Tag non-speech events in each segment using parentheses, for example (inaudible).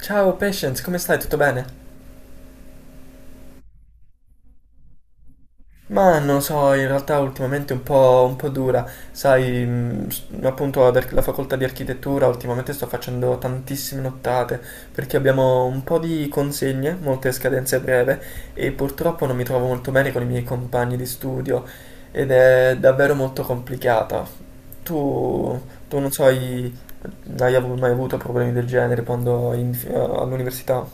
Ciao Patience, come stai? Tutto bene? Ma non so, in realtà ultimamente un po' dura, sai, appunto la facoltà di architettura ultimamente sto facendo tantissime nottate perché abbiamo un po' di consegne, molte scadenze a breve e purtroppo non mi trovo molto bene con i miei compagni di studio ed è davvero molto complicata. Tu, tu non so, mai avuto problemi del genere quando all'università?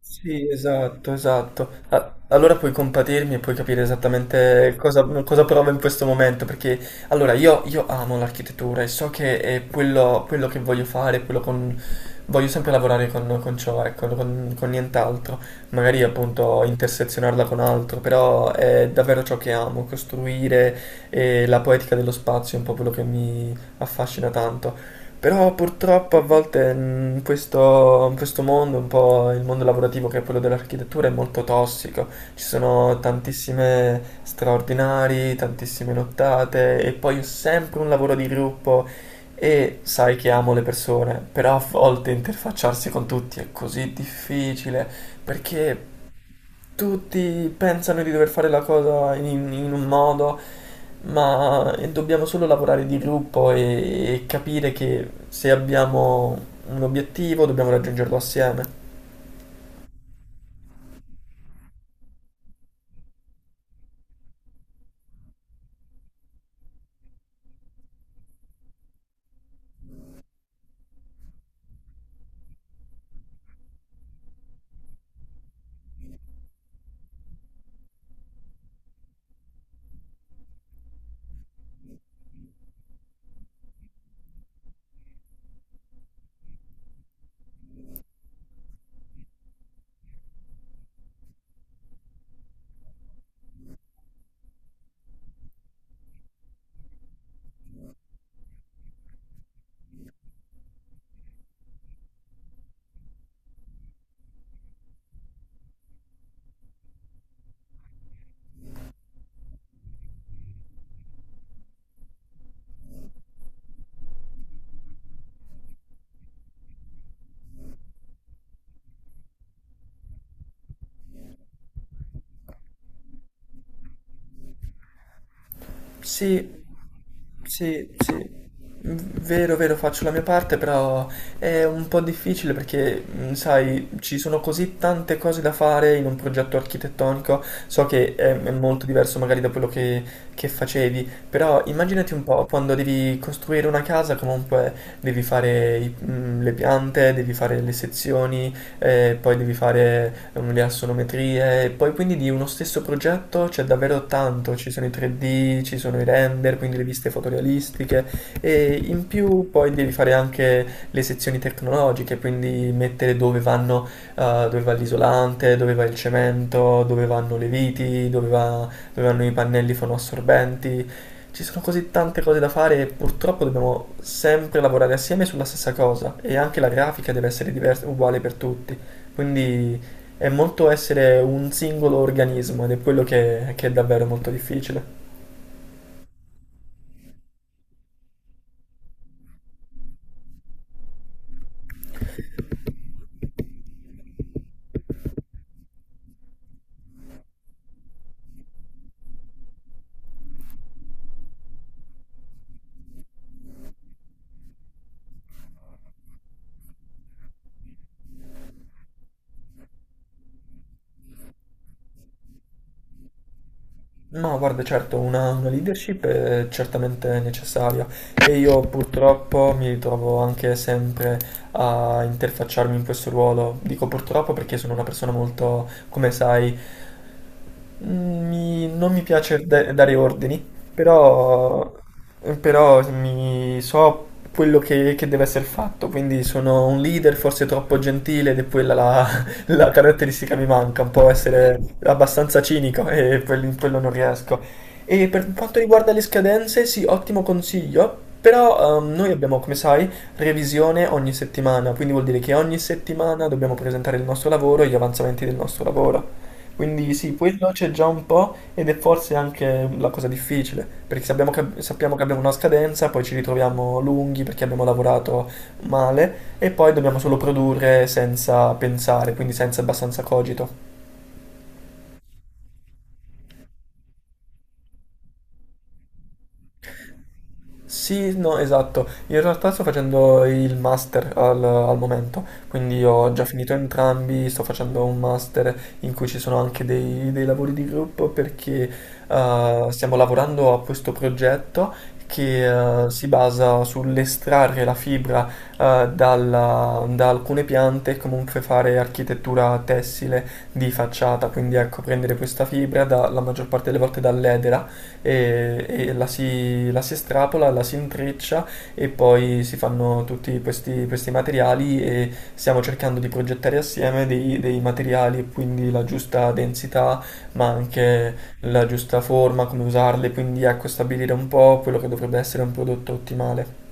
Sì, esatto, esatto. Allora puoi compatirmi e puoi capire esattamente cosa provo in questo momento, perché allora io amo l'architettura e so che è quello che voglio fare, quello con... voglio sempre lavorare con ciò, ecco, con nient'altro, magari appunto intersezionarla con altro, però è davvero ciò che amo, costruire e la poetica dello spazio è un po' quello che mi affascina tanto. Però purtroppo a volte in questo mondo, un po' il mondo lavorativo che è quello dell'architettura, è molto tossico. Ci sono tantissime straordinari, tantissime nottate e poi è sempre un lavoro di gruppo e sai che amo le persone, però a volte interfacciarsi con tutti è così difficile perché tutti pensano di dover fare la cosa in un modo, ma dobbiamo solo lavorare di gruppo e capire che se abbiamo un obiettivo dobbiamo raggiungerlo assieme. Sì, sì, sì. Vero, vero, faccio la mia parte, però è un po' difficile perché, sai, ci sono così tante cose da fare in un progetto architettonico. So che è molto diverso magari da quello che facevi, però immaginati un po', quando devi costruire una casa, comunque devi fare le piante, devi fare le sezioni, poi devi fare le assonometrie, e poi quindi di uno stesso progetto c'è davvero tanto, ci sono i 3D, ci sono i render, quindi le viste fotorealistiche e in più poi devi fare anche le sezioni tecnologiche, quindi mettere dove vanno, dove va l'isolante, dove va il cemento, dove vanno le viti, dove vanno i pannelli fonoassorbenti ci sono così tante cose da fare e purtroppo dobbiamo sempre lavorare assieme sulla stessa cosa e anche la grafica deve essere uguale per tutti, quindi è molto essere un singolo organismo ed è quello che è davvero molto difficile. No, guarda, certo, una leadership è certamente necessaria e io purtroppo mi ritrovo anche sempre a interfacciarmi in questo ruolo. Dico purtroppo perché sono una persona molto, come sai, non mi piace dare ordini, però, però mi so quello che deve essere fatto, quindi sono un leader forse troppo gentile ed è quella la, (laughs) la caratteristica che mi manca, un po' essere abbastanza cinico e in quello non riesco. E per quanto riguarda le scadenze, sì, ottimo consiglio, però noi abbiamo, come sai, revisione ogni settimana, quindi vuol dire che ogni settimana dobbiamo presentare il nostro lavoro e gli avanzamenti del nostro lavoro. Quindi sì, quello c'è già un po' ed è forse anche la cosa difficile, perché sappiamo che abbiamo una scadenza, poi ci ritroviamo lunghi perché abbiamo lavorato male e poi dobbiamo solo produrre senza pensare, quindi senza abbastanza cogito. Sì, no, esatto. In realtà sto facendo il master al momento, quindi ho già finito entrambi, sto facendo un master in cui ci sono anche dei lavori di gruppo perché stiamo lavorando a questo progetto che si basa sull'estrarre la fibra da alcune piante e comunque fare architettura tessile di facciata, quindi ecco prendere questa fibra la maggior parte delle volte dall'edera e, si, la si estrapola, la si intreccia e poi si fanno tutti questi materiali e stiamo cercando di progettare assieme dei materiali e quindi la giusta densità ma anche la giusta forma, come usarle, quindi ecco stabilire un po' quello che dovrebbe essere un prodotto ottimale.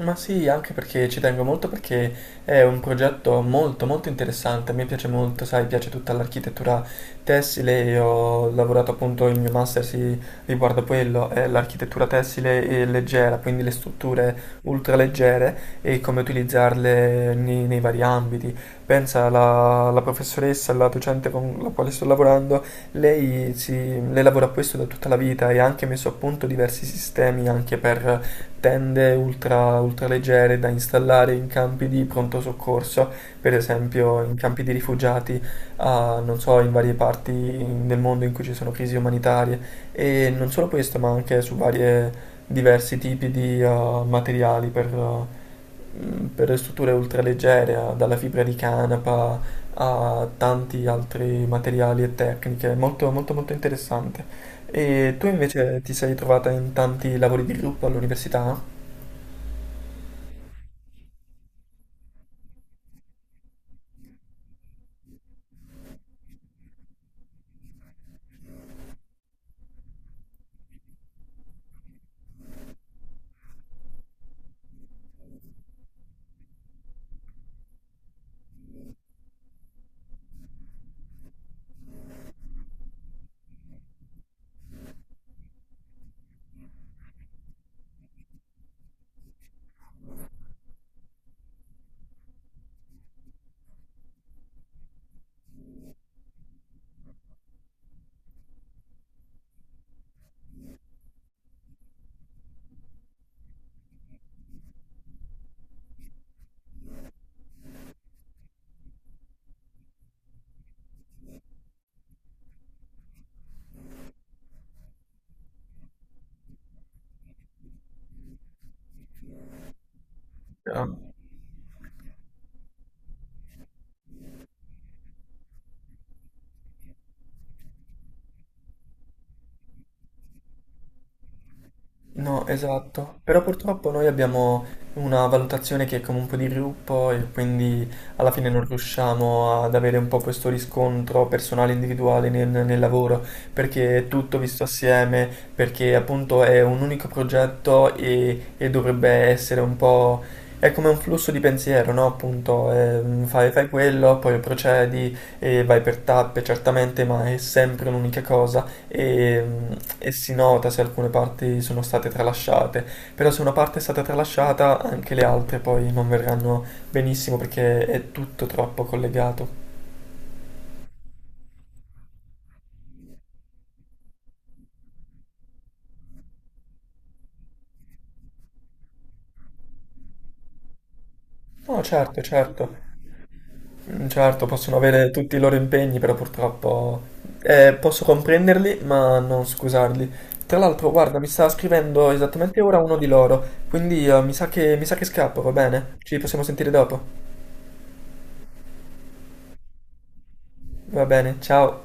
Ma sì, anche perché ci tengo molto perché è un progetto molto molto interessante, a me piace molto, sai, piace tutta l'architettura tessile e ho lavorato appunto, il mio master si riguarda quello, è l'architettura tessile e leggera, quindi le strutture ultraleggere e come utilizzarle nei vari ambiti. Pensa alla professoressa, alla docente con la quale sto lavorando, lei, si, lei lavora a questo da tutta la vita e ha anche messo a punto diversi sistemi anche per Tende ultraleggere da installare in campi di pronto soccorso, per esempio in campi di rifugiati, a non so, in varie parti del mondo in cui ci sono crisi umanitarie. E non solo questo, ma anche su varie diversi tipi di materiali per, per strutture ultraleggere, dalla fibra di canapa a tanti altri materiali e tecniche. Molto, molto, molto interessante. E tu invece ti sei trovata in tanti lavori di gruppo all'università? Ah, no, esatto, però purtroppo noi abbiamo una valutazione che è come un po' di gruppo e quindi alla fine non riusciamo ad avere un po' questo riscontro personale individuale nel lavoro perché è tutto visto assieme, perché appunto è un unico progetto e dovrebbe essere un po'... è come un flusso di pensiero, no? Appunto, fai quello, poi procedi e vai per tappe, certamente, ma è sempre un'unica cosa e, e si nota se alcune parti sono state tralasciate, però se una parte è stata tralasciata anche le altre poi non verranno benissimo perché è tutto troppo collegato. No, certo, certo. Mm, certo, possono avere tutti i loro impegni, però purtroppo posso comprenderli, ma non scusarli. Tra l'altro, guarda, mi sta scrivendo esattamente ora uno di loro, quindi mi sa che scappo, va bene? Ci possiamo sentire dopo. Va bene, ciao.